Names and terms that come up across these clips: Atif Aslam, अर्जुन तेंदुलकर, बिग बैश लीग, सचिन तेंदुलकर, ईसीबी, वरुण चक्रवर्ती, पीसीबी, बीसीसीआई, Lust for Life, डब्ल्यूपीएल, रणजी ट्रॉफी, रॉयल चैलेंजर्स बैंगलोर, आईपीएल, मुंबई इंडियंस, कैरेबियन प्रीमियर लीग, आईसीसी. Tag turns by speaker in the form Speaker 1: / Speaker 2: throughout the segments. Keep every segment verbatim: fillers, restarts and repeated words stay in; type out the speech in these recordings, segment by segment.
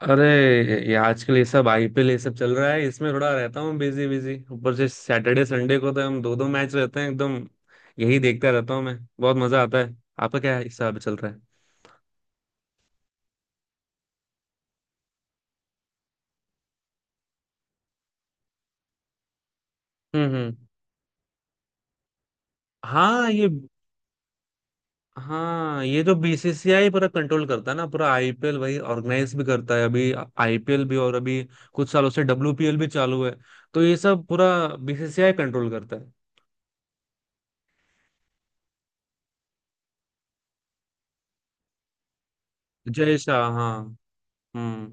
Speaker 1: अरे, ये आजकल ये सब आई पी एल ये सब चल रहा है। इसमें थोड़ा रहता हूँ बिजी बिजी। ऊपर से सैटरडे संडे को तो हम दो दो मैच रहते हैं एकदम। यही देखता रहता हूँ मैं। बहुत मजा आता है। आपका क्या हिसाब चल रहा है? हम्म। हम्म। हाँ ये हाँ, ये जो बी सी सी आई पूरा कंट्रोल करता है ना, पूरा आई पी एल वही ऑर्गेनाइज भी करता है। अभी आई पी एल भी, और अभी कुछ सालों से डब्ल्यू पी एल भी चालू है। तो ये सब पूरा बी सी सी आई कंट्रोल करता है। जय शाह। हाँ। हम्म।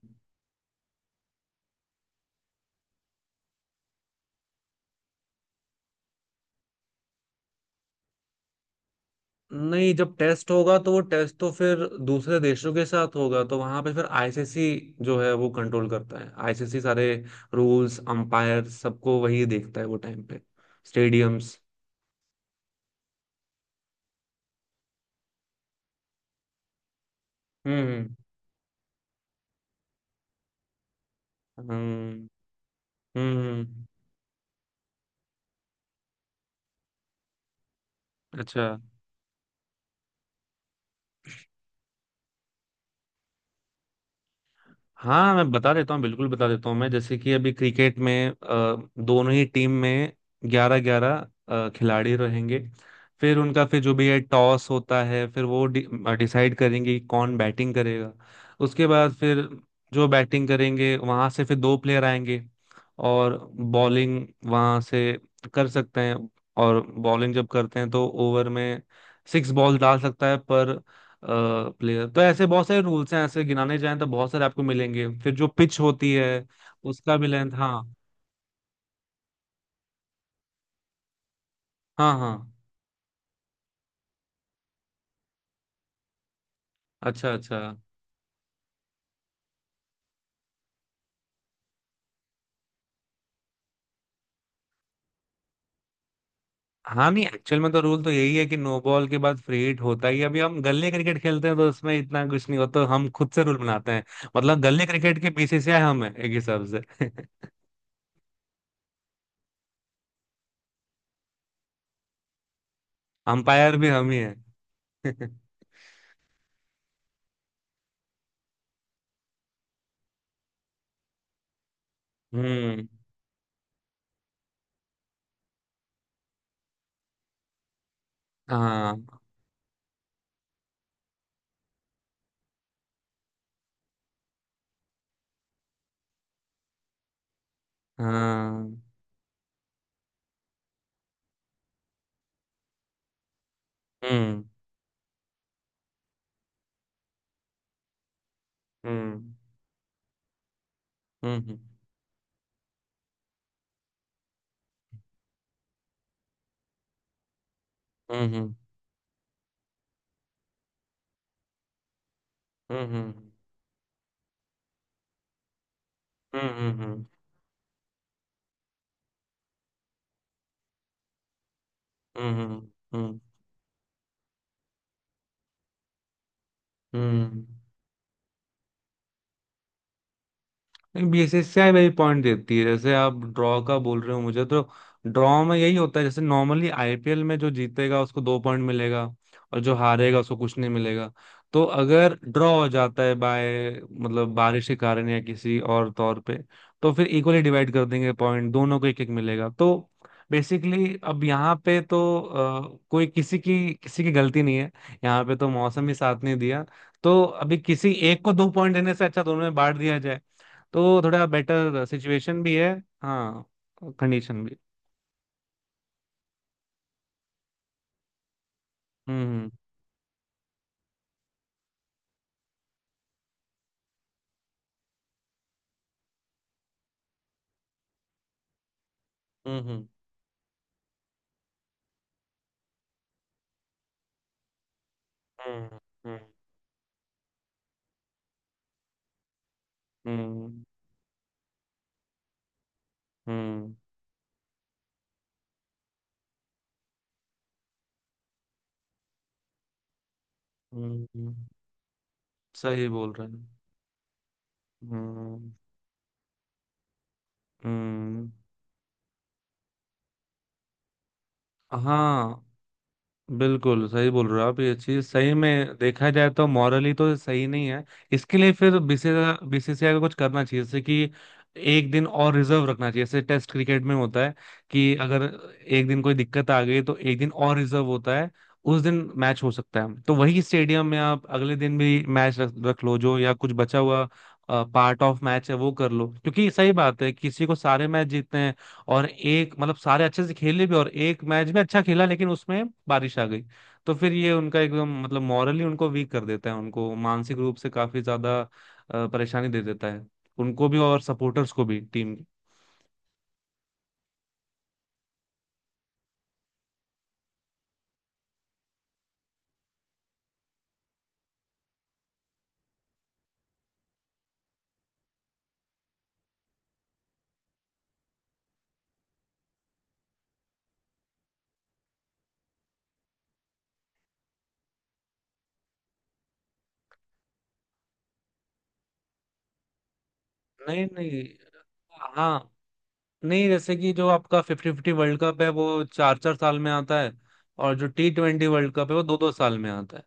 Speaker 1: नहीं, जब टेस्ट होगा तो वो टेस्ट तो फिर दूसरे देशों के साथ होगा, तो वहां पे फिर आई सी सी जो है वो कंट्रोल करता है। आई सी सी सारे रूल्स, अंपायर, सबको वही देखता है वो टाइम पे, स्टेडियम्स। हम्म। हम्म। हम्म। हम्म। अच्छा। हाँ, मैं बता देता हूँ, बिल्कुल बता देता हूँ मैं। जैसे कि अभी क्रिकेट में अ, दोनों ही टीम में ग्यारह ग्यारह खिलाड़ी रहेंगे। फिर उनका फिर जो भी है टॉस होता है, फिर वो डिसाइड करेंगे कि कौन बैटिंग करेगा। उसके बाद फिर जो बैटिंग करेंगे वहां से फिर दो प्लेयर आएंगे और बॉलिंग वहां से कर सकते हैं। और बॉलिंग जब करते हैं तो ओवर में सिक्स बॉल डाल सकता है पर प्लेयर। तो ऐसे बहुत सारे रूल्स हैं, ऐसे गिनाने जाएं तो बहुत सारे आपको मिलेंगे। फिर जो पिच होती है उसका भी लेंथ। हाँ। हाँ। हाँ। अच्छा। अच्छा। हाँ, नहीं, एक्चुअल में तो रूल तो यही है कि नो बॉल के बाद फ्री हिट होता ही है। अभी हम गल्ले क्रिकेट खेलते हैं तो उसमें इतना कुछ नहीं होता, हम खुद से रूल बनाते हैं। मतलब गल्ले क्रिकेट के बी सी सी आई हम है एक हिसाब से। अंपायर भी हम ही है। हम्म। हाँ। हाँ। हम्म। हम्म। हम्म। हम्म। हम्म। हम्म। हम्म। हम्म। हम्म। हम्म। हम्म। हम्म। हम्म। हम्म। बी सी सी आई वही पॉइंट देती है। जैसे आप ड्रॉ का बोल रहे हो मुझे तो, ड्रॉ में यही होता है। जैसे नॉर्मली आई पी एल में जो जीतेगा उसको दो पॉइंट मिलेगा, और जो हारेगा उसको कुछ नहीं मिलेगा। तो अगर ड्रॉ हो जाता है बाय, मतलब बारिश के कारण या किसी और तौर पे, तो फिर इक्वली डिवाइड कर देंगे पॉइंट, दोनों को एक एक मिलेगा। तो बेसिकली अब यहाँ पे तो अ, कोई किसी की किसी की गलती नहीं है, यहाँ पे तो मौसम ही साथ नहीं दिया। तो अभी किसी एक को दो पॉइंट देने से अच्छा दोनों में बांट दिया, तो थोड़ा बेटर सिचुएशन भी है। हाँ, कंडीशन भी। हम्म। हम्म। हम्म। हम्म। हम्म। हम्म। हम्म। हम्म। हम्म। सही बोल रहे हैं। हम्म। हम्म। हाँ, बिल्कुल सही बोल रहे हो आप। ये चीज सही में देखा जाए तो मॉरली तो सही नहीं है। इसके लिए फिर बीसीसीआई बीसीसीआई को कुछ करना चाहिए, जैसे कि एक दिन और रिजर्व रखना चाहिए, जैसे टेस्ट क्रिकेट में होता है कि अगर एक दिन कोई दिक्कत आ गई तो एक दिन और रिजर्व होता है, उस दिन मैच हो सकता है। तो वही स्टेडियम में आप अगले दिन भी मैच रख, रख लो, जो या कुछ बचा हुआ पार्ट ऑफ मैच है वो कर लो, क्योंकि सही बात है, किसी को सारे मैच जीतने हैं। और एक मतलब सारे अच्छे से खेले भी, और एक मैच में अच्छा खेला लेकिन उसमें बारिश आ गई, तो फिर ये उनका एकदम मतलब मॉरली उनको वीक कर देता है, उनको मानसिक रूप से काफी ज्यादा अ, परेशानी दे देता है, उनको भी और सपोर्टर्स को भी, टीम। नहीं नहीं। हाँ, नहीं, जैसे कि जो आपका फिफ्टी फिफ्टी वर्ल्ड कप है वो चार चार साल में आता है। और जो टी ट्वेंटी वर्ल्ड कप है वो दो दो साल में आता है,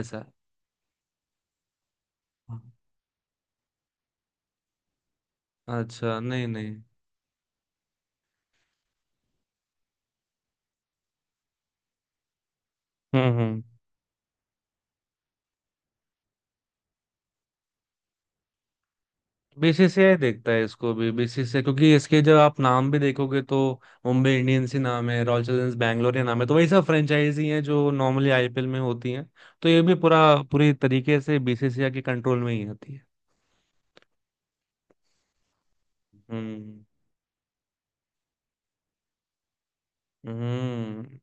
Speaker 1: ऐसा है। अच्छा, नहीं नहीं। हम्म। हम्म। बीसीसीआई देखता है इसको भी बी सी सी आई, क्योंकि इसके जब आप नाम भी देखोगे तो मुंबई इंडियंस ही नाम है, रॉयल चैलेंजर्स बैंगलोर ही नाम है। तो वही सब फ्रेंचाइजी हैं जो नॉर्मली आई पी एल में होती हैं। तो ये भी पूरा, पूरी तरीके से बी सी सी आई के कंट्रोल में ही होती है। हम्म। हम्म।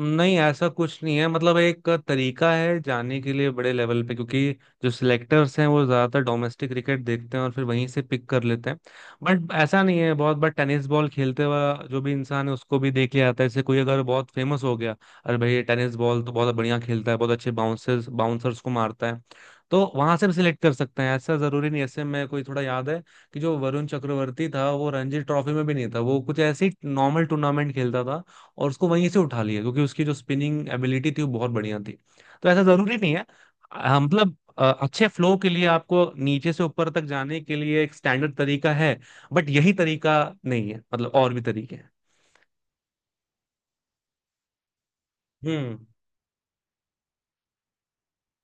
Speaker 1: नहीं, ऐसा कुछ नहीं है, मतलब एक तरीका है जाने के लिए बड़े लेवल पे। क्योंकि जो सिलेक्टर्स हैं वो ज्यादातर डोमेस्टिक क्रिकेट देखते हैं और फिर वहीं से पिक कर लेते हैं। बट ऐसा नहीं है, बहुत बार टेनिस बॉल खेलते हुआ जो भी इंसान है उसको भी देख लिया जाता है। जैसे कोई अगर बहुत फेमस हो गया, अरे भाई ये टेनिस बॉल तो बहुत बढ़िया खेलता है, बहुत अच्छे बाउंसर्स बाउंसर्स को मारता है, तो वहां से भी सिलेक्ट कर सकते हैं। ऐसा जरूरी नहीं, ऐसे मैं कोई थोड़ा याद है कि जो वरुण चक्रवर्ती था वो रणजी ट्रॉफी में भी नहीं था, वो कुछ ऐसे ही नॉर्मल टूर्नामेंट खेलता था और उसको वहीं से उठा लिया क्योंकि उसकी जो स्पिनिंग एबिलिटी थी वो बहुत बढ़िया थी। तो ऐसा जरूरी नहीं है। अ, मतलब अ, अच्छे फ्लो के लिए आपको नीचे से ऊपर तक जाने के लिए एक स्टैंडर्ड तरीका है। बट यही तरीका नहीं है, मतलब और भी तरीके हैं। हम्म।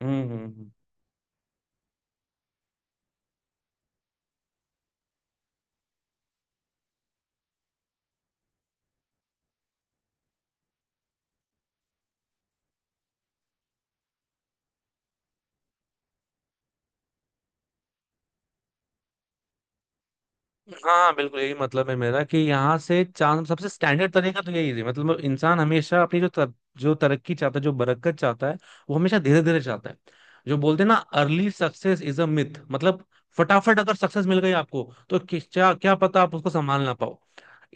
Speaker 1: हम्म। हम्म। हम्म। हाँ, हाँ, बिल्कुल यही मतलब है मेरा कि यहाँ से चांद सबसे स्टैंडर्ड तरीका तो यही है। मतलब इंसान हमेशा अपनी जो तर, जो तरक्की चाहता है, जो बरकत चाहता है, वो हमेशा धीरे धीरे चाहता है। जो बोलते हैं ना early success is a myth, मतलब फटाफट अगर सक्सेस मिल गई आपको तो किस- क्या क्या पता आप उसको संभाल ना पाओ।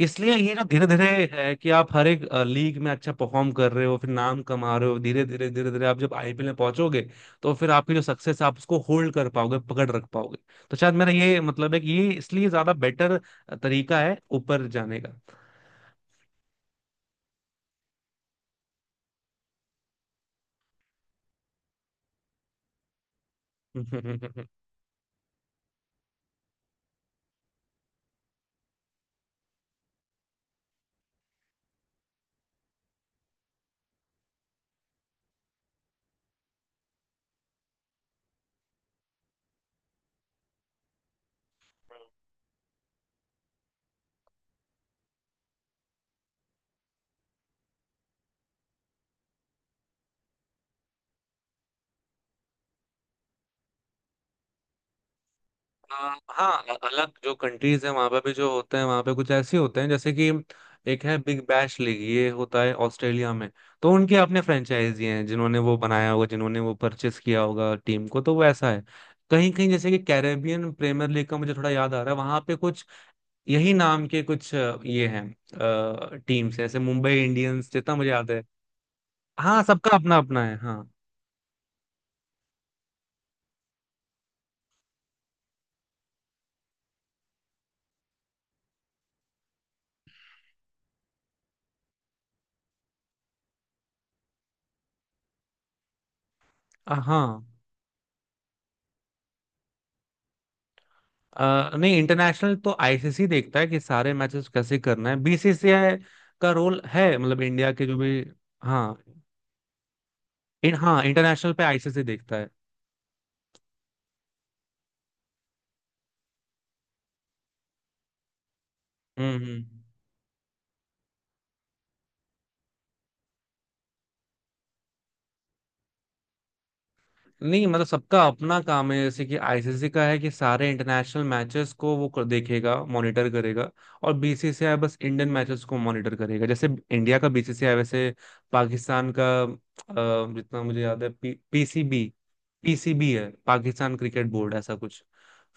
Speaker 1: इसलिए ये ना धीरे धीरे है कि आप हर एक अ, लीग में अच्छा परफॉर्म कर रहे हो, फिर नाम कमा रहे हो धीरे धीरे धीरे धीरे, आप जब आई पी एल में पहुंचोगे तो फिर आपकी जो सक्सेस है आप उसको होल्ड कर पाओगे, पकड़ रख पाओगे। तो शायद मेरा ये मतलब है कि ये इसलिए ज्यादा बेटर तरीका है ऊपर जाने का। आ, हाँ, अ- अलग जो कंट्रीज है वहां पे भी जो होते हैं, वहां पे कुछ ऐसे होते हैं जैसे कि एक है बिग बैश लीग, ये होता है ऑस्ट्रेलिया में। तो उनके अपने फ्रेंचाइजी हैं जिन्होंने वो बनाया होगा, जिन्होंने वो परचेस किया होगा टीम को, तो वो ऐसा है। कहीं कहीं जैसे कि कैरेबियन प्रीमियर लीग का मुझे थोड़ा याद आ रहा है, वहां पे कुछ यही नाम के कुछ अ, ये हैं, टीम्स हैं, जैसे मुंबई इंडियंस, जितना मुझे याद है। हाँ, सबका अपना अपना है, हाँ। हाँ, अ, नहीं, इंटरनेशनल तो आई सी सी देखता है कि सारे मैचेस कैसे करना है। बी सी सी आई का रोल है मतलब इंडिया के जो भी। हाँ, इन, हाँ, इंटरनेशनल पे आई सी सी देखता है। हम्म। हम्म। नहीं, मतलब सबका अपना काम है, जैसे कि आई सी सी का है कि सारे इंटरनेशनल मैचेस को वो कर, देखेगा, मॉनिटर करेगा। और बी सी सी आई बस इंडियन मैचेस को मॉनिटर करेगा, जैसे इंडिया का बी सी सी आई, वैसे पाकिस्तान का अ, जितना मुझे याद है पी, पीसीबी पीसीबी है, पाकिस्तान क्रिकेट बोर्ड ऐसा कुछ।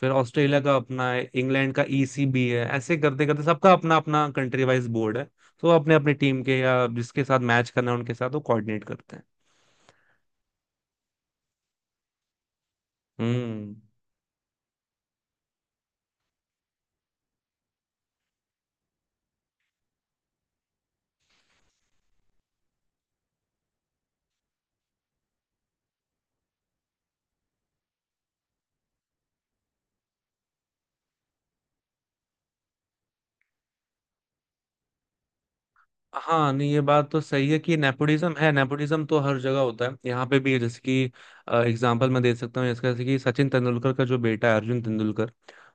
Speaker 1: फिर ऑस्ट्रेलिया का अपना है, इंग्लैंड का ई सी बी है, ऐसे करते करते सबका अपना अपना कंट्री वाइज बोर्ड है। तो वो अपने अपने टीम के या जिसके साथ मैच करना है उनके साथ वो कोऑर्डिनेट करते हैं। हम्म। हाँ, नहीं, ये बात तो सही है कि नेपोटिज्म है। नेपोटिज्म तो हर जगह होता है, यहाँ पे भी है, जैसे कि एग्जांपल मैं दे सकता हूँ इसका। जैसे कि सचिन तेंदुलकर का जो बेटा है, अर्जुन तेंदुलकर,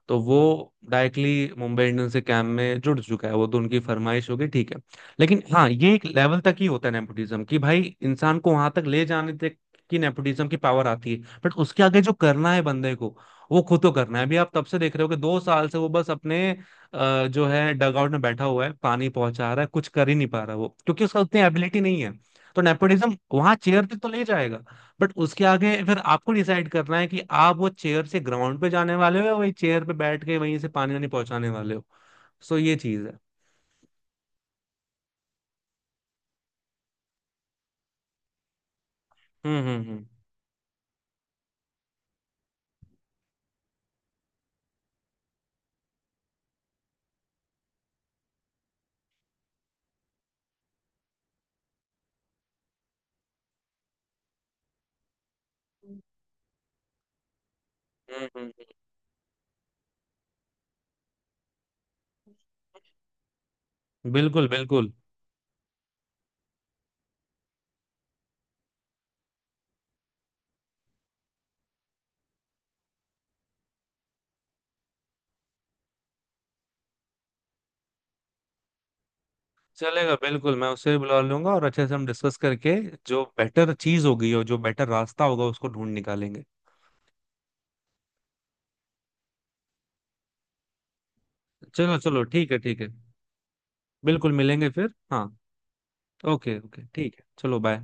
Speaker 1: तो वो डायरेक्टली मुंबई इंडियंस के कैंप में जुड़ चुका है, वो तो उनकी फरमाइश होगी, ठीक है। लेकिन हाँ, ये एक लेवल तक ही होता है नेपोटिज्म, कि भाई इंसान को वहां तक ले जाने तक की नेपोटिज्म की पावर आती है। बट उसके आगे जो करना है बंदे को, वो खुद को करना है। अभी आप तब से देख रहे हो कि दो साल से वो बस अपने अ, जो है डगआउट में बैठा हुआ है, पानी पहुंचा रहा है, कुछ कर ही नहीं पा रहा वो, क्योंकि उसका उतनी एबिलिटी नहीं है। तो नेपोटिज्म वहां चेयर तक तो ले जाएगा, बट उसके आगे फिर आपको डिसाइड करना है कि आप वो चेयर से ग्राउंड पे जाने वाले हो या वही चेयर पे बैठ के वहीं से पानी वानी पहुंचाने वाले हो। सो ये चीज है। हम्म। हम्म। हम्म। हम्म। हम्म। हम्म। बिल्कुल, बिल्कुल। चलेगा, बिल्कुल मैं उससे भी बुला लूंगा और अच्छे से हम डिस्कस करके जो बेटर चीज होगी और जो बेटर रास्ता होगा उसको ढूंढ निकालेंगे। चलो चलो, ठीक है, ठीक है। बिल्कुल, मिलेंगे फिर, हाँ। ओके ओके, ठीक है, चलो बाय।